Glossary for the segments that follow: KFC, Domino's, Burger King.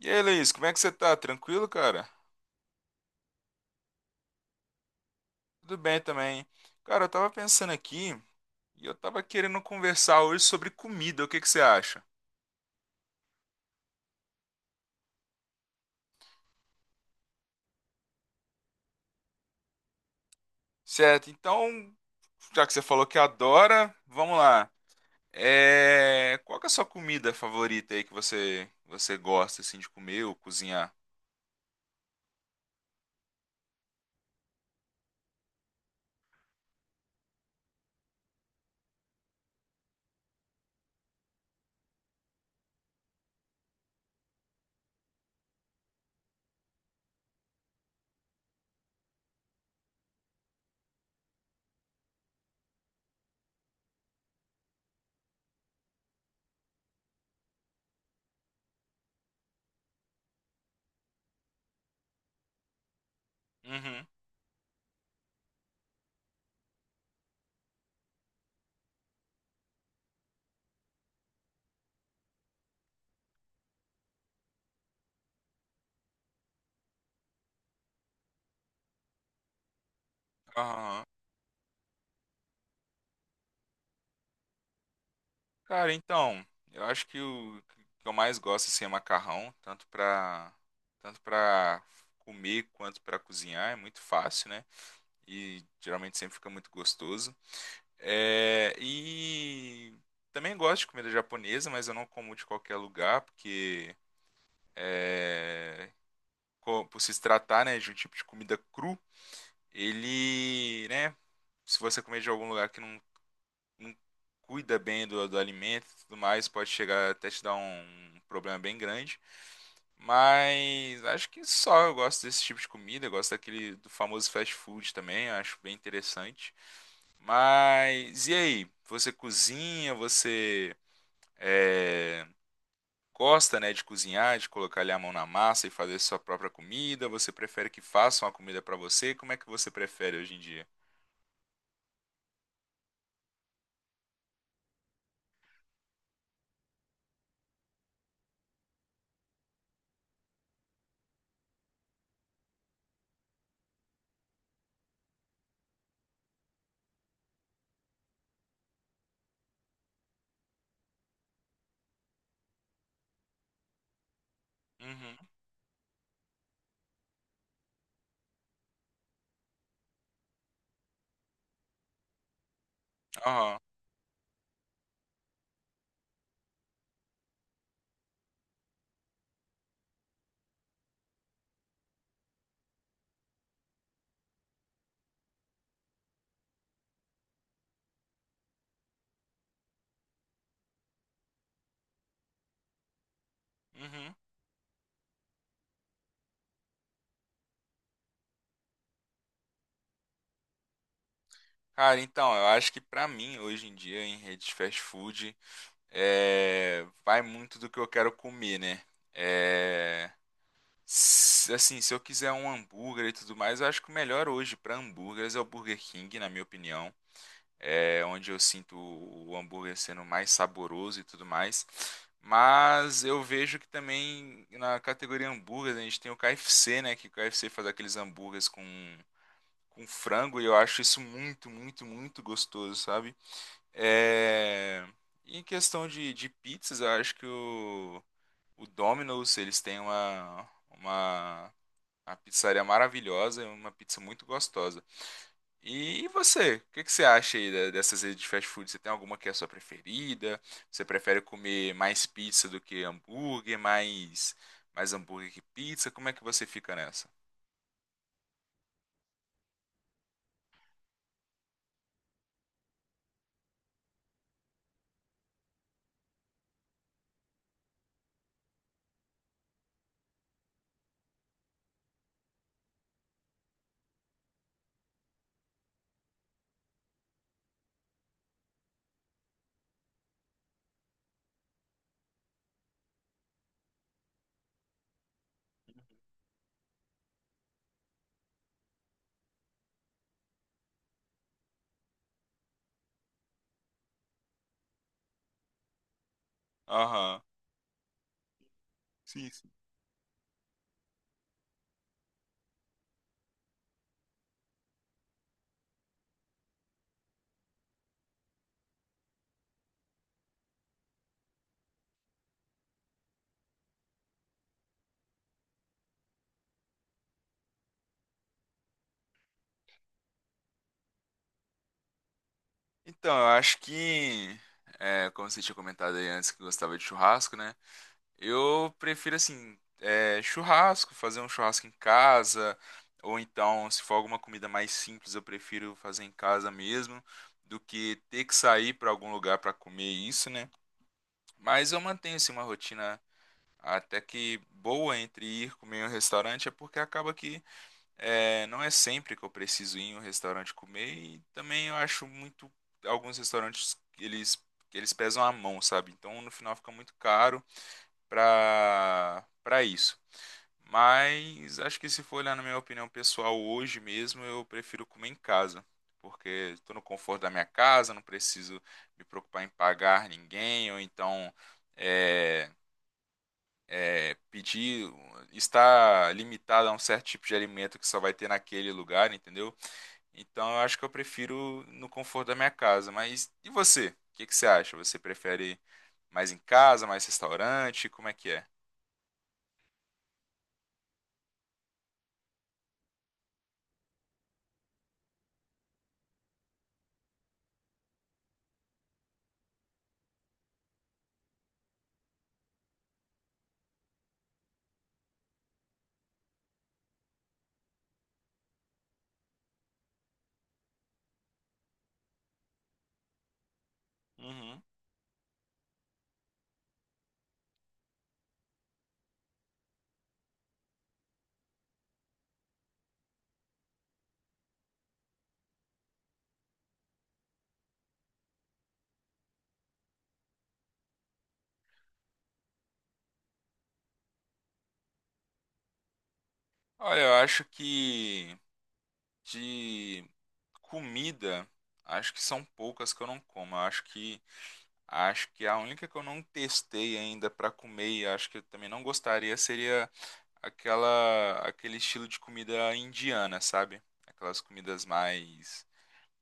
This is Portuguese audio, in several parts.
E aí, Luiz, como é que você tá? Tranquilo, cara? Tudo bem também. Cara, eu tava pensando aqui e eu tava querendo conversar hoje sobre comida. O que que você acha? Certo, então, já que você falou que adora, vamos lá. Qual que é a sua comida favorita aí que você gosta assim de comer ou cozinhar? Uhum. Aham. Cara, então, eu acho que o que eu mais gosto assim, é macarrão, tanto pra comer quanto pra cozinhar. É muito fácil, né? E geralmente sempre fica muito gostoso. É, e também gosto de comida japonesa, mas eu não como de qualquer lugar, porque é, por se tratar, né, de um tipo de comida cru, ele, né, se você comer de algum lugar que não cuida bem do alimento e tudo mais, pode chegar até te dar um problema bem grande. Mas acho que só eu gosto desse tipo de comida, eu gosto daquele do famoso fast food também, eu acho bem interessante. Mas e aí? Você cozinha? Você é, gosta, né, de cozinhar, de colocar ali a mão na massa e fazer sua própria comida? Você prefere que façam a comida pra você? Como é que você prefere hoje em dia? Uhum. Aham. Uhum. Cara, então, eu acho que pra mim, hoje em dia, em rede de fast food, é, vai muito do que eu quero comer, né? É, Assim, se eu quiser um hambúrguer e tudo mais, eu acho que o melhor hoje pra hambúrgueres é o Burger King, na minha opinião. É onde eu sinto o hambúrguer sendo mais saboroso e tudo mais. Mas eu vejo que também na categoria hambúrguer a gente tem o KFC, né? Que o KFC faz aqueles hambúrgueres com frango e eu acho isso muito, muito, muito gostoso, sabe? É... e em questão de pizzas, eu acho que o Domino's, eles têm uma pizzaria maravilhosa, e uma pizza muito gostosa. E você? O que que você acha aí da- dessas redes de fast food? Você tem alguma que é a sua preferida? Você prefere comer mais pizza do que hambúrguer? Mais hambúrguer que pizza? Como é que você fica nessa? Aham. Sim, sim. Então, eu acho que, é, como você tinha comentado aí antes que gostava de churrasco, né? Eu prefiro assim, é, churrasco, fazer um churrasco em casa, ou então, se for alguma comida mais simples, eu prefiro fazer em casa mesmo, do que ter que sair para algum lugar para comer isso, né? Mas eu mantenho assim uma rotina até que boa entre ir comer em um restaurante, é porque acaba que é, não é sempre que eu preciso ir em um restaurante comer, e também eu acho muito alguns restaurantes eles pesam a mão, sabe? Então no final fica muito caro para isso. Mas acho que se for olhar na minha opinião pessoal hoje mesmo, eu prefiro comer em casa, porque estou no conforto da minha casa, não preciso me preocupar em pagar ninguém, ou então é, pedir, estar limitado a um certo tipo de alimento que só vai ter naquele lugar, entendeu? Então eu acho que eu prefiro no conforto da minha casa. Mas e você? O que que você acha? Você prefere mais em casa, mais restaurante? Como é que é? Uhum. Olha, eu acho que de comida, acho que são poucas que eu não como. Eu acho que a única que eu não testei ainda para comer e acho que eu também não gostaria seria aquela aquele estilo de comida indiana, sabe? Aquelas comidas mais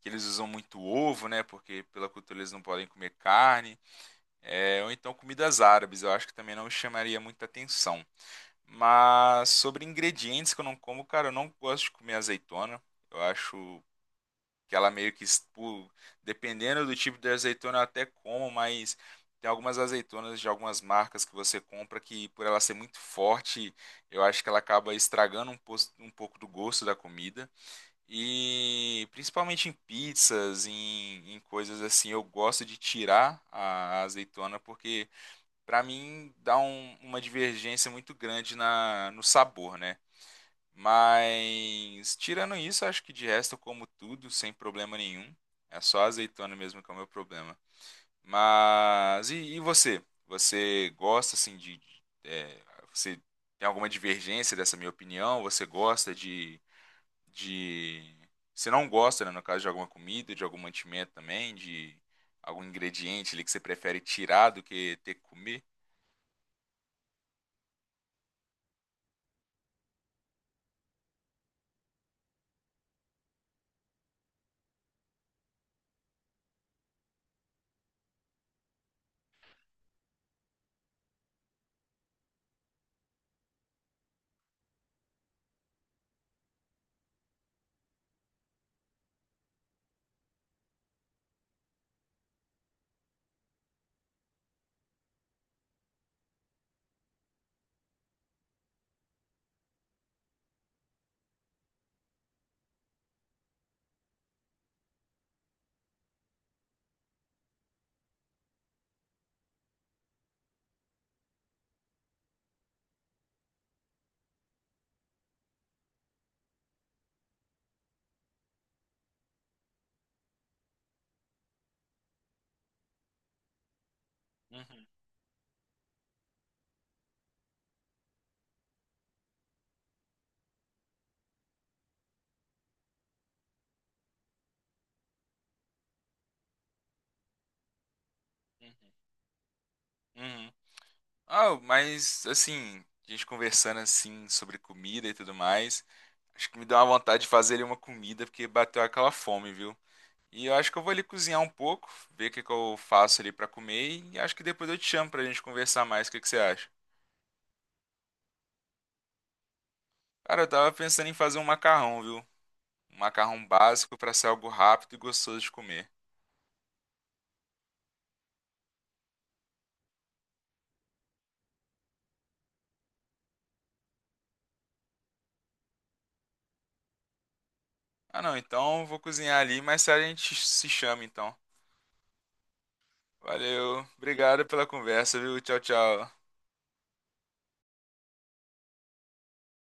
que eles usam muito ovo, né? Porque pela cultura eles não podem comer carne. É, ou então comidas árabes, eu acho que também não me chamaria muita atenção. Mas sobre ingredientes que eu não como, cara, eu não gosto de comer azeitona. Eu acho que ela meio que, dependendo do tipo de azeitona, eu até como, mas tem algumas azeitonas de algumas marcas que você compra que, por ela ser muito forte, eu acho que ela acaba estragando um, um pouco do gosto da comida. E principalmente em pizzas, em coisas assim, eu gosto de tirar a azeitona porque pra mim, dá um- uma divergência muito grande na, no sabor, né? Mas, tirando isso, acho que de resto eu como tudo sem problema nenhum. É só a azeitona mesmo que é o meu problema. E você? Você gosta, assim, você tem alguma divergência dessa minha opinião? De... Você não gosta, né, no caso, de alguma comida, de algum mantimento também, de algum ingrediente ali que você prefere tirar do que ter que comer? Uhum, uhum. Uhum. Ah, mas assim, a gente conversando assim sobre comida e tudo mais, acho que me deu uma vontade de fazer ali uma comida, porque bateu aquela fome, viu? E eu acho que eu vou ali cozinhar um pouco, ver o que que eu faço ali pra comer, e acho que depois eu te chamo pra gente conversar mais, o que que você acha? Cara, eu tava pensando em fazer um macarrão, viu? Um macarrão básico pra ser algo rápido e gostoso de comer. Ah, não, então eu vou cozinhar ali, mas a gente se chama então. Valeu, obrigado pela conversa, viu? Tchau, tchau.